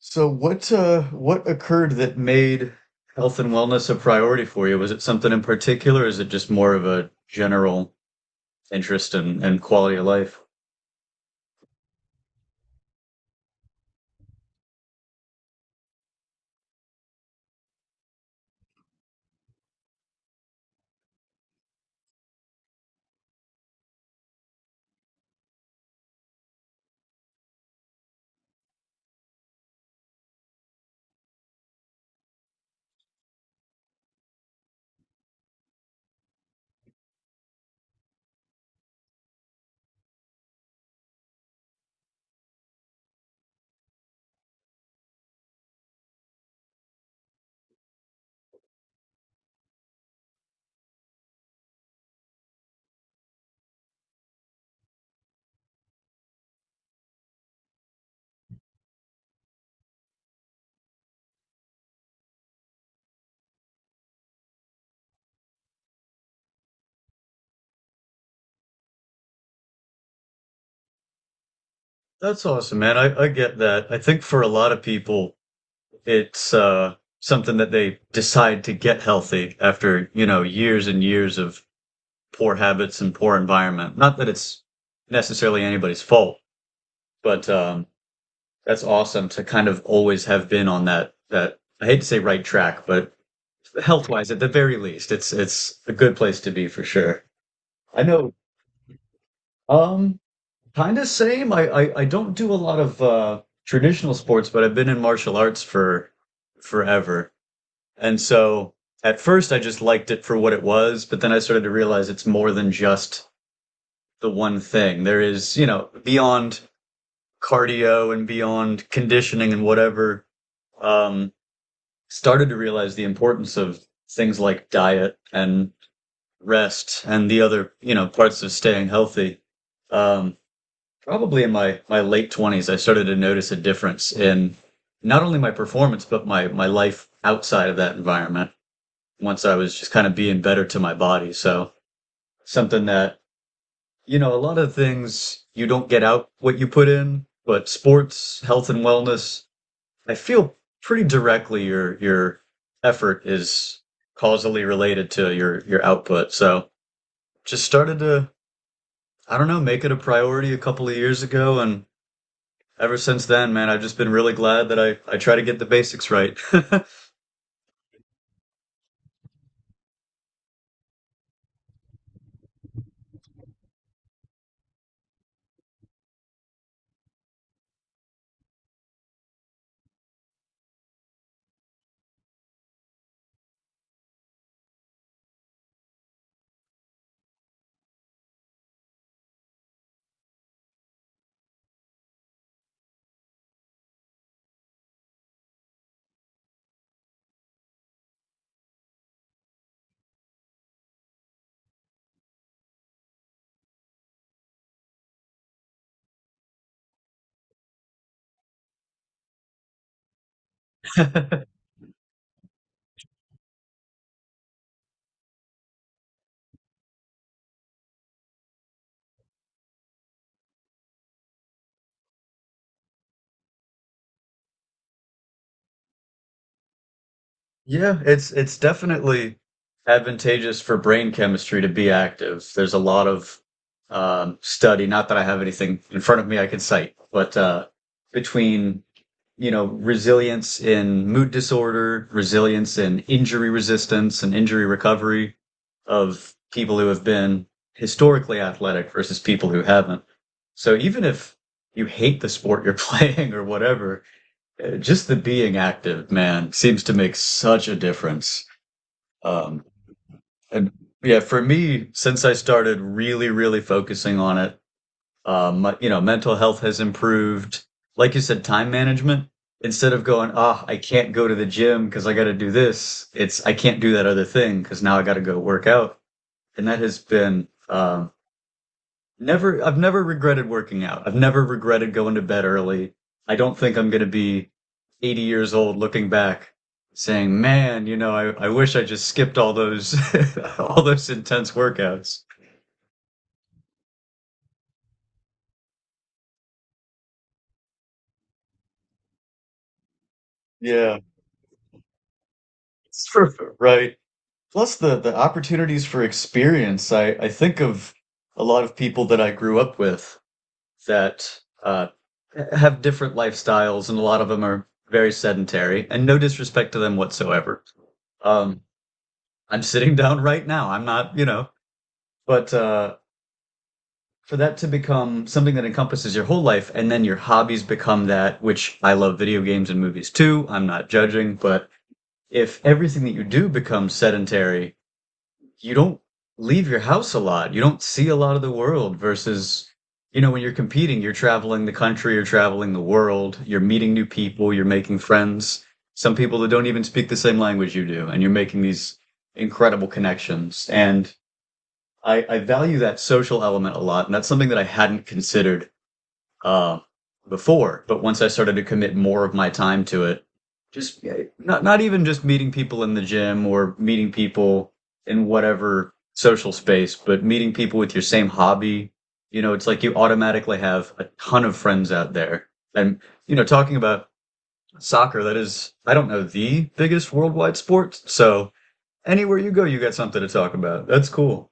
So what occurred that made health and wellness a priority for you? Was it something in particular, or is it just more of a general interest and quality of life? That's awesome, man. I get that. I think for a lot of people, it's something that they decide to get healthy after, you know, years and years of poor habits and poor environment. Not that it's necessarily anybody's fault, but that's awesome to kind of always have been on that I hate to say right track, but health wise at the very least it's a good place to be for sure. I know. um Kind of same. I don't do a lot of traditional sports, but I've been in martial arts for forever, and so at first I just liked it for what it was, but then I started to realize it's more than just the one thing. There is, you know, beyond cardio and beyond conditioning and whatever. um Started to realize the importance of things like diet and rest and the other, you know, parts of staying healthy. um, Probably in my late 20s I started to notice a difference in not only my performance but my life outside of that environment once I was just kind of being better to my body. So something that, you know, a lot of things you don't get out what you put in, but sports, health and wellness, I feel, pretty directly your effort is causally related to your output. So just started to, I don't know, make it a priority a couple of years ago. And ever since then, man, I've just been really glad that I try to get the basics right. Yeah, it's definitely advantageous for brain chemistry to be active. There's a lot of study, not that I have anything in front of me I can cite, but between, you know, resilience in mood disorder, resilience in injury resistance and injury recovery of people who have been historically athletic versus people who haven't. So even if you hate the sport you're playing or whatever, just the being active, man, seems to make such a difference. Um, and yeah, for me, since I started really, really focusing on it, my- you know, mental health has improved. Like you said, time management. Instead of going, ah, I can't go to the gym because I got to do this. It's I can't do that other thing because now I got to go work out, and that has been never, I've never regretted working out. I've never regretted going to bed early. I don't think I'm going to be 80 years old looking back saying, man, you know, I wish I just skipped all those, all those intense workouts. Yeah, it's true, right. Plus the opportunities for experience. I think of a lot of people that I grew up with that have different lifestyles, and a lot of them are very sedentary, and no disrespect to them whatsoever. Um, I'm sitting down right now. I'm not, you know, but for that to become something that encompasses your whole life, and then your hobbies become that, which I love video games and movies too. I'm not judging, but if everything that you do becomes sedentary, you don't leave your house a lot. You don't see a lot of the world versus, you know, when you're competing, you're traveling the country, you're traveling the world, you're meeting new people, you're making friends. Some people that don't even speak the same language you do, and you're making these incredible connections. And I value that social element a lot, and that's something that I hadn't considered uh, before. But once I started to commit more of my time to it, just yeah, not even just meeting people in the gym or meeting people in whatever social space, but meeting people with your same hobby. You know, it's like you automatically have a ton of friends out there. And, you know, talking about soccer, that is, I don't know, the biggest worldwide sport. So anywhere you go, you got something to talk about. That's cool.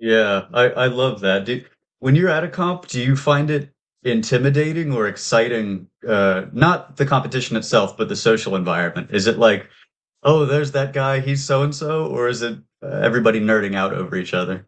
Yeah, I love that. Do, when you're at a comp, do you find it intimidating or exciting? Not the competition itself, but the social environment. Is it like, oh, there's that guy, he's so and so, or is it everybody nerding out over each other?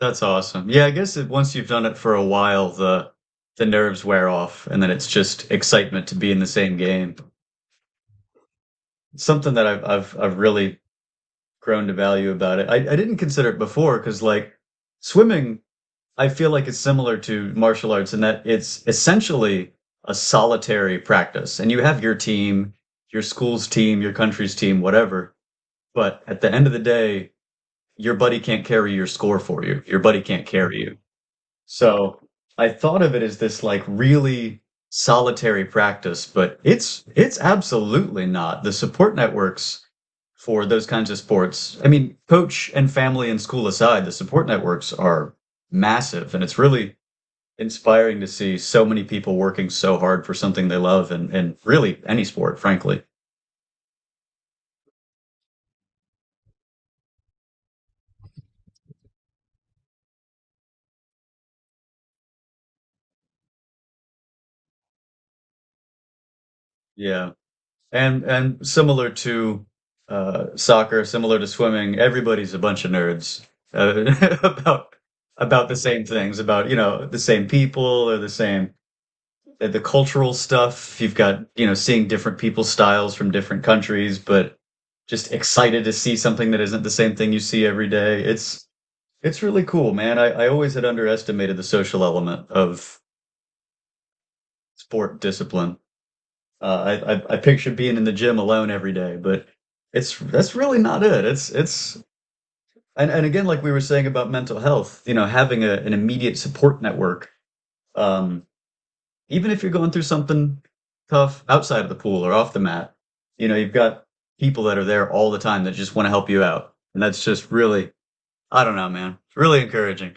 That's awesome. Yeah, I guess it, once you've done it for a while, the nerves wear off, and then it's just excitement to be in the same game. Something that I've really grown to value about it. I didn't consider it before because like swimming. I feel like it's similar to martial arts in that it's essentially a solitary practice. And you have your team, your school's team, your country's team, whatever. But at the end of the day, your buddy can't carry your score for you. Your buddy can't carry you. So I thought of it as this like really solitary practice, but it's absolutely not. The support networks for those kinds of sports, I mean, coach and family and school aside, the support networks are massive, and it's really inspiring to see so many people working so hard for something they love and really any sport, frankly. Yeah. And similar to soccer, similar to swimming, everybody's a bunch of nerds uh, about the same things, about, you know, the same people or the same the cultural stuff. You've got, you know, seeing different people's styles from different countries, but just excited to see something that isn't the same thing you see every day. It's really cool, man. I always had underestimated the social element of sport discipline. I pictured being in the gym alone every day, but it's that's really not it. It's And again, like we were saying about mental health, you know, having a, an immediate support network, um, even if you're going through something tough outside of the pool or off the mat, you know, you've got people that are there all the time that just want to help you out, and that's just really, I don't know, man. It's really encouraging.